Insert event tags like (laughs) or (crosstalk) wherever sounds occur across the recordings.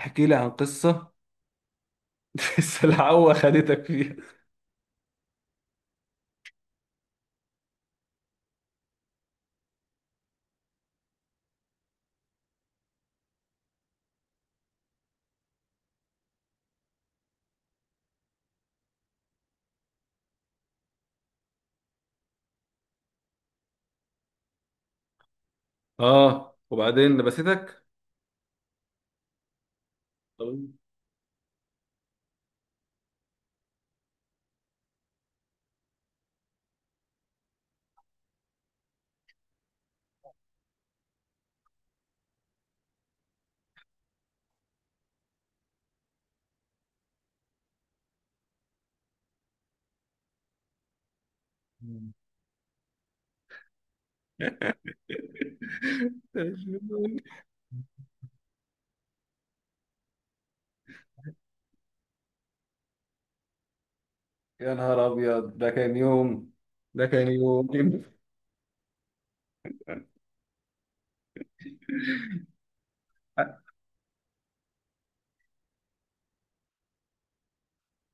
احكي لي عن قصة. (laughs) السلعوة خدتك فيها. اه، وبعدين لبستك؟ طب- يا نهار أبيض، ده كان يوم. ده كان يوم.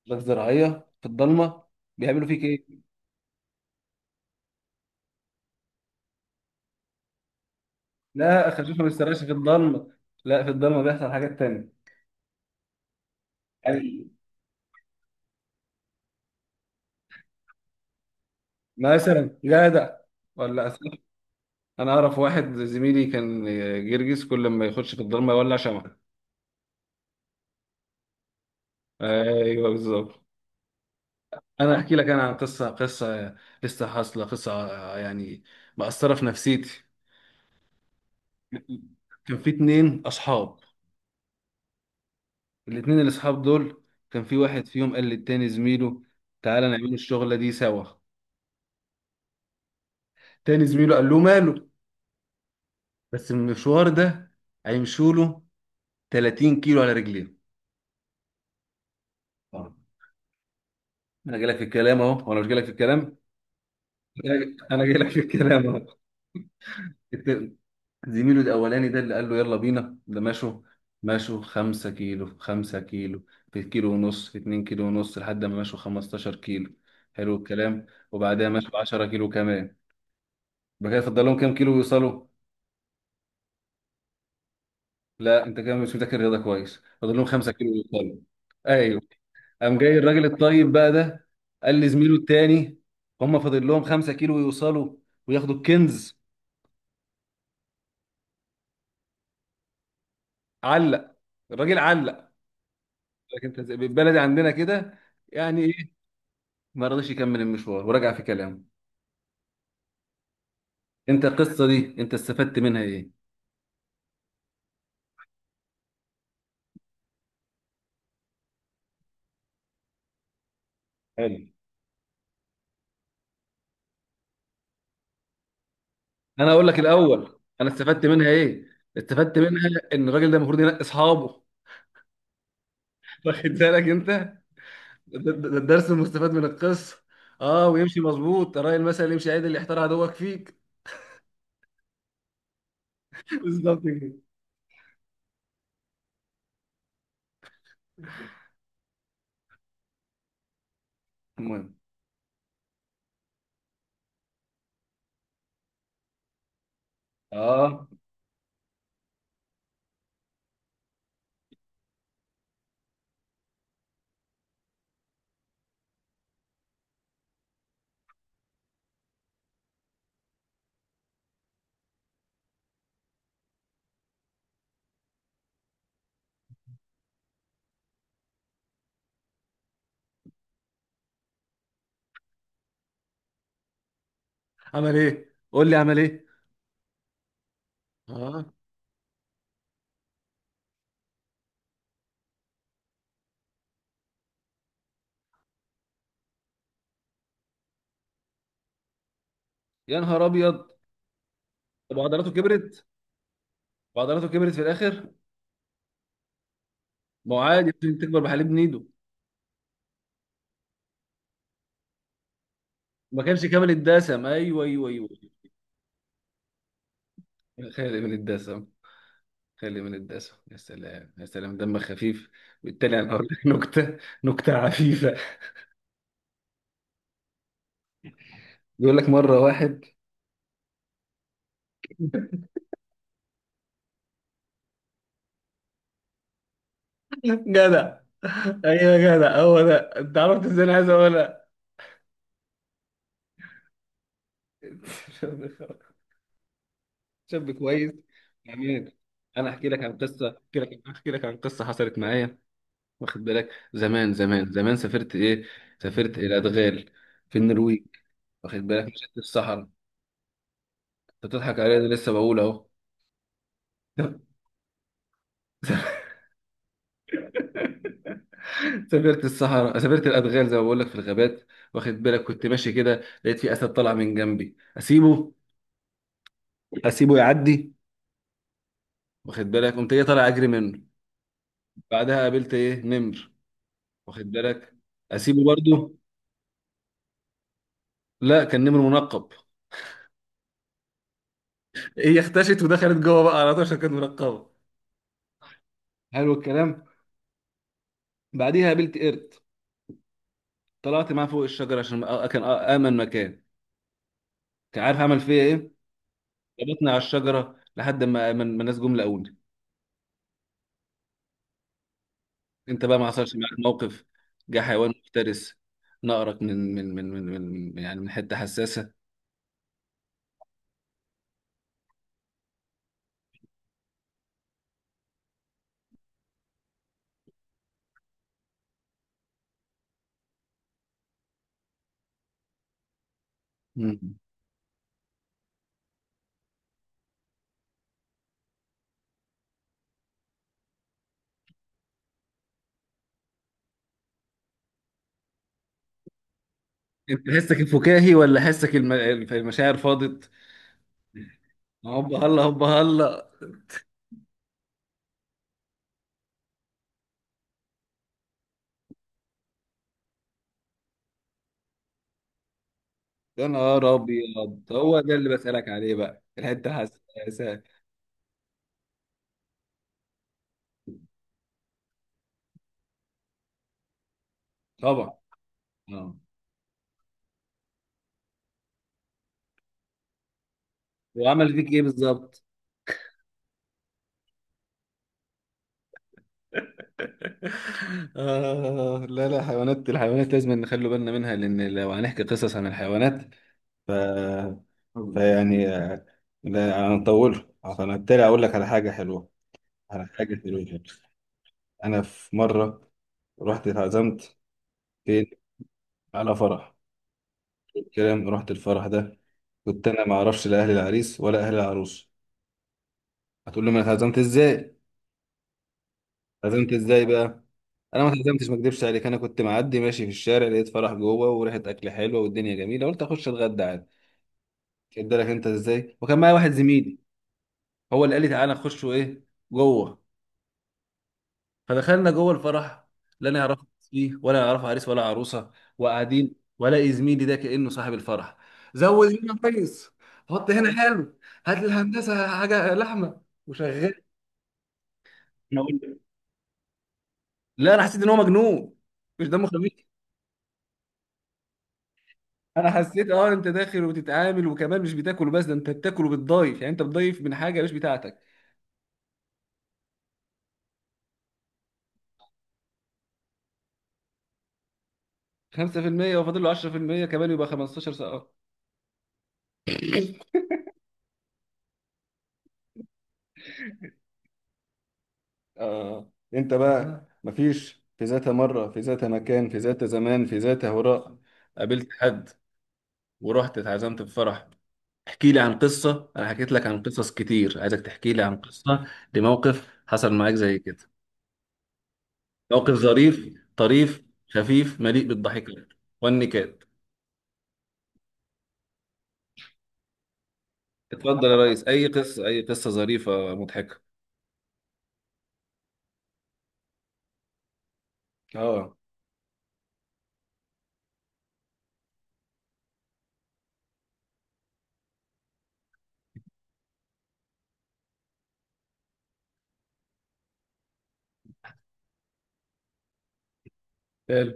لك زراعية في الضلمة؟ بيعملوا فيك إيه؟ لا، خفيف، ما تسرقش في الضلمة. لا، في الضلمة بيحصل حاجات تانية. يعني مثلا جدع ولا أسف؟ انا اعرف واحد زميلي كان جرجس، كل ما يخش في الضلمه يولع شمعه. ايوه، بالظبط. انا احكي لك، انا عن قصه، قصه لسه حاصله، قصه يعني مأثره في نفسيتي. كان في اتنين اصحاب. الاتنين الاصحاب دول كان في واحد فيهم قال للتاني زميله: تعالى نعمل الشغله دي سوا. تاني زميله قال له: ماله، بس المشوار ده هيمشوا له 30 كيلو على رجليه. انا جاي لك في الكلام اهو، وانا مش جاي لك في الكلام. انا جاي لك في الكلام اهو. الت- زميله الاولاني ده اللي قال له: يلا بينا، ده مشوا. مشوا 5 كيلو في 5 كيلو، في كيلو ونص، في 2 كيلو ونص، لحد ما مشوا 15 كيلو. حلو الكلام. وبعدها مشوا 10 كيلو كمان. يبقى كده فضل لهم كام كيلو يوصلوا؟ لا، انت كده مش مذاكر الرياضة كويس. فضل لهم 5 كيلو يوصلوا. ايوه. قام جاي الراجل الطيب بقى ده، قال لزميله التاني: هم فاضل لهم 5 كيلو يوصلوا وياخدوا الكنز. علق الراجل، علق. لكن انت بالبلدي عندنا كده، يعني إيه؟ ما رضيش يكمل المشوار ورجع في كلامه. انت القصه دي انت استفدت منها ايه؟ حلو. انا اقول لك الاول انا استفدت منها ايه. استفدت منها ان الراجل ده المفروض ينقي اصحابه. (laughs) واخد بالك انت؟ ده الدرس المستفاد من القصه. اه، ويمشي مظبوط، ترى المثل يمشي عدل يحتار عدوك فيك. (laughs) بالظبط كده. المهم. اه، عمل ايه؟ قول لي عمل ايه. اه، يا نهار ابيض. طب عضلاته كبرت؟ وعضلاته كبرت في الاخر؟ ما هو عادي، ممكن تكبر بحليب نيدو. ما كانش كامل الدسم، ايوه ايوه ايوه. خالي من الدسم. خالي من الدسم، يا سلام يا سلام، دمك خفيف. بالتالي انا هقول لك نكته، نكته عفيفه. بيقول لك مره واحد (laughs) جدع. ايوه يا جدع، هو ده. انت عرفت ازاي انا عايز اقولها؟ (laughs) شاب كويس. جميل. انا احكي لك عن قصه، احكي لك عن قصه حصلت معايا. واخد بالك؟ زمان زمان زمان، سافرت ايه، سافرت الى ادغال في النرويج. واخد بالك؟ مشيت في الصحراء انت. بتضحك عليا؟ أنا لسه بقول اهو. (laughs) سافرت الصحراء، سافرت الادغال، زي ما بقول لك، في الغابات. واخد بالك؟ كنت ماشي كده، لقيت في اسد طلع من جنبي، اسيبه، اسيبه يعدي. واخد بالك؟ قمت ايه، طالع اجري منه. بعدها قابلت ايه، نمر. واخد بالك، اسيبه برضه؟ لا، كان نمر منقب. (laughs) هي اختشت ودخلت جوه بقى على طول عشان كانت منقبه. حلو الكلام. بعديها قابلت قرد. طلعت معاه فوق الشجره عشان كان امن مكان. كان عارف عمل فيا ايه؟ ربطني على الشجره لحد ما الناس جم لقوني. انت بقى ما حصلش معاك موقف؟ جه حيوان مفترس نقرك من يعني من حته حساسه؟ مم. انت حسك الفكاهي ولا حسك المشاعر فاضت؟ هوبا هلا هوبا هلا. يا نهار ابيض، هو ده اللي بسألك عليه بقى، الحته حساسه. طبعا. اه. وعمل فيك ايه بالظبط؟ (laughs) آه، لا لا، حيوانات، الحيوانات لازم نخلي بالنا منها، لأن لو هنحكي قصص عن الحيوانات ف... فيعني لا، انا مطول. فانا بالتالي اقول لك على حاجه حلوه، على حاجه حلوه. انا في مره رحت اتعزمت. فين؟ على فرح. الكلام. رحت الفرح ده، كنت انا ما اعرفش لا اهل العريس ولا اهل العروس. هتقول لي: ما انا اتعزمت ازاي؟ اتعزمت ازاي بقى؟ انا ما اتعزمتش، ما اكدبش عليك، انا كنت معدي ماشي في الشارع، لقيت فرح جوه وريحه اكل حلوه والدنيا جميله، قلت اخش اتغدى عادي. كدلك انت ازاي؟ وكان معايا واحد زميلي، هو اللي قال لي: تعالى نخش ايه، جوه. فدخلنا جوه الفرح، لا نعرف فيه ولا نعرف عريس ولا عروسه، وقاعدين، ولا زميلي ده كانه صاحب الفرح. زود هنا كويس. حط هنا حلو. هات للهندسه حاجه لحمه. وشغال. أنا أقول- لا، انا حسيت ان هو مجنون، مش دمه خفيف. انا حسيت انت داخل وبتتعامل وكمان مش بتاكل، بس ده انت بتاكل وبتضيف، يعني انت بتضيف من حاجه مش بتاعتك. 5% وفاضل له 10% كمان، يبقى 15، سقط. آه. انت بقى آه. مفيش في ذات مرة، في ذات مكان، في ذات زمان، في ذات هراء، قابلت حد ورحت اتعزمت في فرح. احكي لي عن قصة. انا حكيت لك عن قصص كتير، عايزك تحكي لي عن قصة لموقف حصل معاك زي كده. موقف ظريف طريف، خفيف، مليء بالضحكة والنكات. اتفضل يا ريس، اي قصة، اي قصة ظريفة مضحكة. اه. حلو.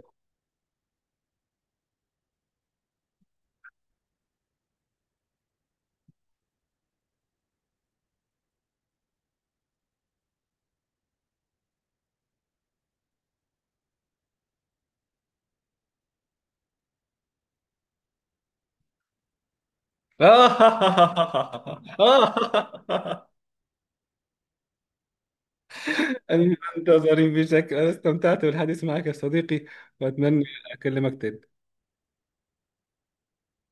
(laughs) أنت ظريف بشكل، أنا استمتعت بالحديث معك يا صديقي، وأتمنى أكلمك تاني.